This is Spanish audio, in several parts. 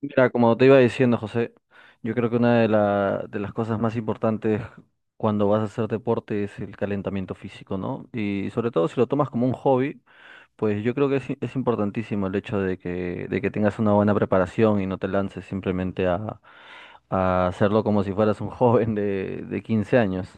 Mira, como te iba diciendo, José, yo creo que de las cosas más importantes cuando vas a hacer deporte es el calentamiento físico, ¿no? Y sobre todo si lo tomas como un hobby, pues yo creo que es importantísimo el hecho de que tengas una buena preparación y no te lances simplemente a hacerlo como si fueras un joven de 15 años.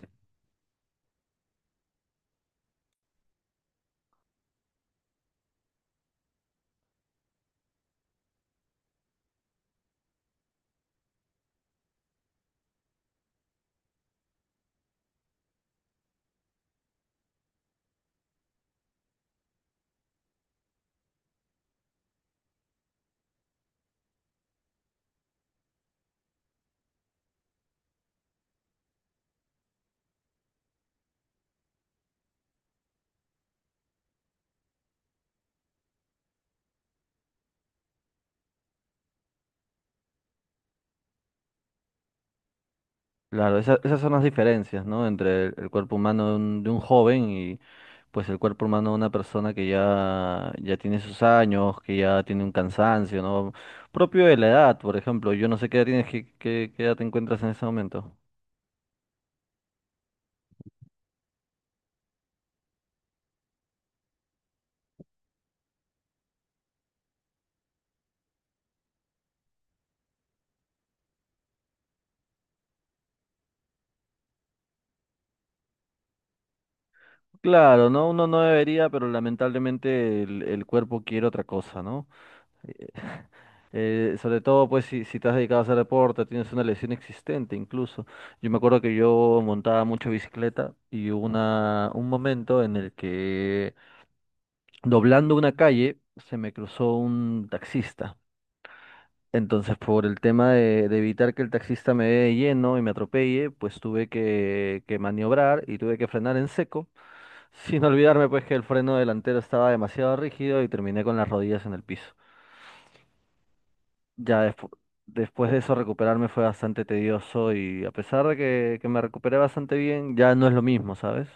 Claro, esas son las diferencias, ¿no? Entre el cuerpo humano de un joven pues el cuerpo humano de una persona que ya, ya tiene sus años, que ya tiene un cansancio, ¿no? Propio de la edad, por ejemplo. Yo no sé qué edad tienes, qué edad te encuentras en ese momento. Claro, ¿no? Uno no debería, pero lamentablemente el cuerpo quiere otra cosa, ¿no? Eh, sobre todo, pues, si te has dedicado a hacer deporte, tienes una lesión existente incluso. Yo me acuerdo que yo montaba mucho bicicleta y hubo un momento en el que doblando una calle, se me cruzó un taxista. Entonces, por el tema de evitar que el taxista me dé de lleno y me atropelle, pues tuve que maniobrar y tuve que frenar en seco, sin olvidarme pues que el freno delantero estaba demasiado rígido y terminé con las rodillas en el piso. Ya despu- Después de eso recuperarme fue bastante tedioso y a pesar de que me recuperé bastante bien, ya no es lo mismo, ¿sabes?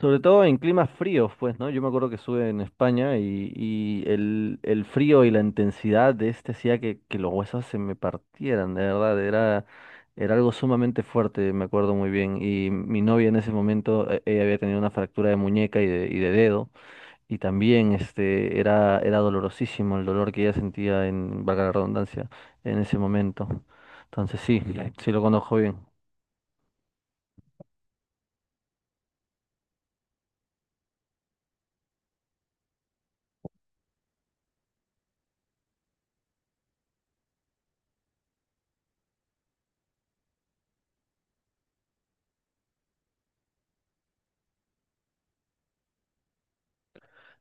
Sobre todo en climas fríos, pues, ¿no? Yo me acuerdo que estuve en España y el frío y la intensidad de este hacía que los huesos se me partieran, de verdad, era algo sumamente fuerte, me acuerdo muy bien. Y mi novia en ese momento, ella había tenido una fractura de muñeca y de dedo, y también era dolorosísimo el dolor que ella sentía en, valga la redundancia, en ese momento. Entonces sí, sí lo conozco bien.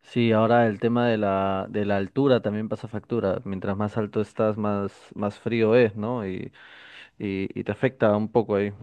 Sí, ahora el tema de la altura también pasa factura. Mientras más alto estás, más frío es, ¿no? Y te afecta un poco ahí.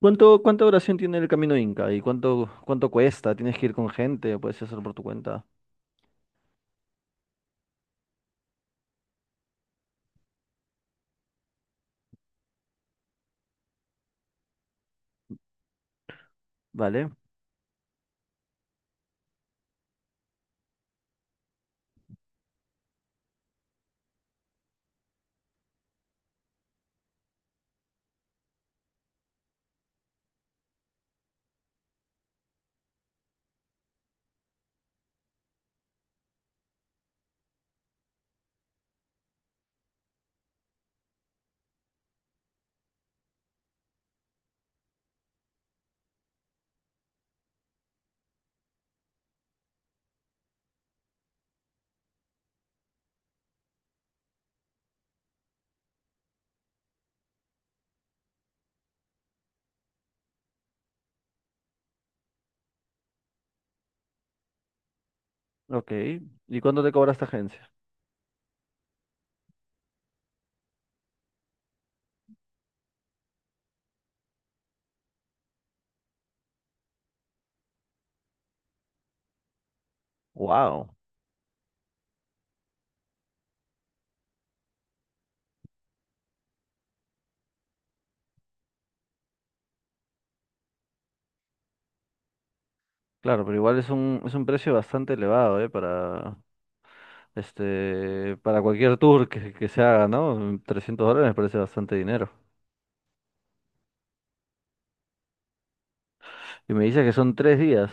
¿Cuánto, cuánta duración tiene el camino Inca? ¿Y cuánto cuesta? ¿Tienes que ir con gente? ¿O puedes hacerlo por tu cuenta? ¿Vale? Ok. ¿Y cuánto te cobra esta agencia? Wow. Claro, pero igual es un precio bastante elevado, ¿eh? Para cualquier tour que se haga, ¿no? 300 dólares me parece bastante dinero. Y me dice que son 3 días.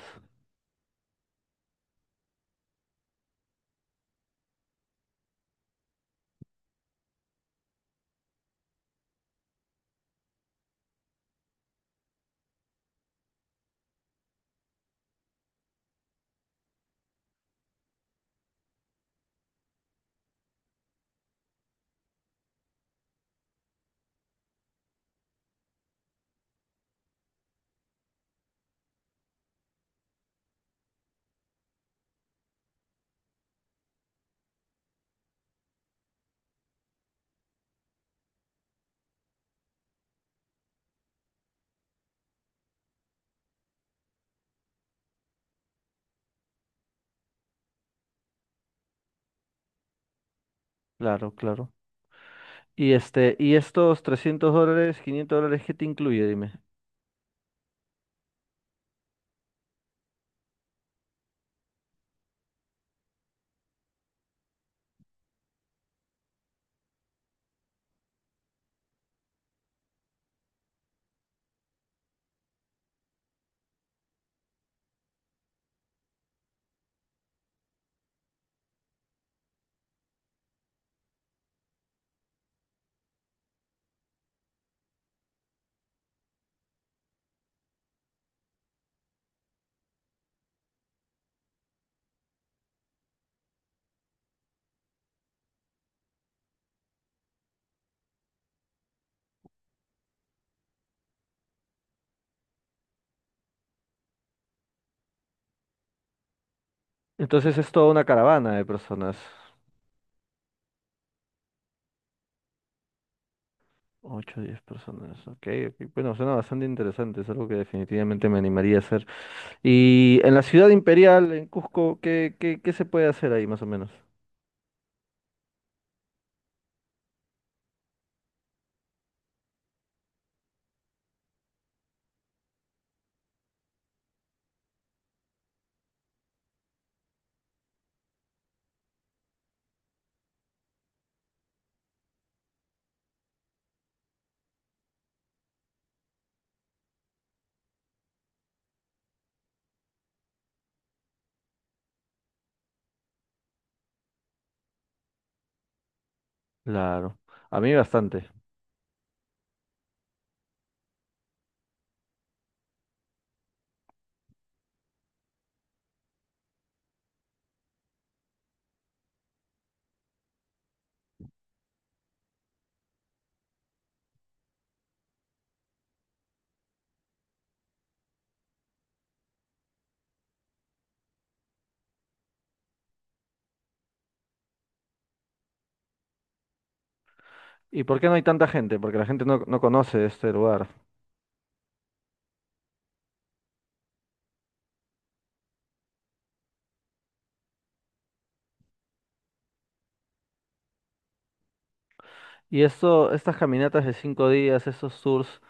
Claro, claro. Y y estos 300 dólares, 500 dólares, ¿qué te incluye? Dime. Entonces es toda una caravana de personas. 8, 10 personas. Ok, ok. Bueno, suena bastante interesante. Es algo que definitivamente me animaría a hacer. Y en la ciudad imperial, en Cusco, ¿qué se puede hacer ahí más o menos? Claro. A mí bastante. ¿Y por qué no hay tanta gente? Porque la gente no, no conoce este lugar. Y estas caminatas de 5 días, estos tours,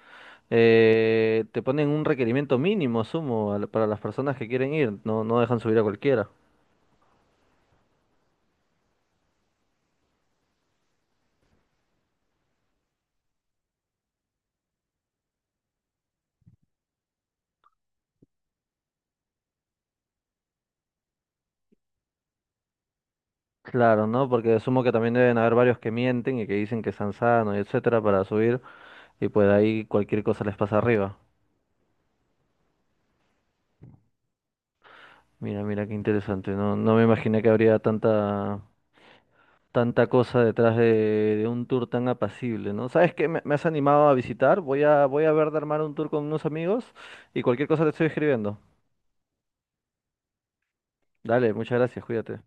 Te ponen un requerimiento mínimo, sumo, para las personas que quieren ir. No, no dejan subir a cualquiera. Claro, ¿no? Porque sumo que también deben haber varios que mienten y que dicen que están sanos y etcétera para subir y pues ahí cualquier cosa les pasa arriba. Mira, mira qué interesante. No, no me imaginé que habría tanta, tanta cosa detrás de un tour tan apacible, ¿no? ¿Sabes qué? Me has animado a visitar. Voy a ver de armar un tour con unos amigos y cualquier cosa te estoy escribiendo. Dale, muchas gracias, cuídate.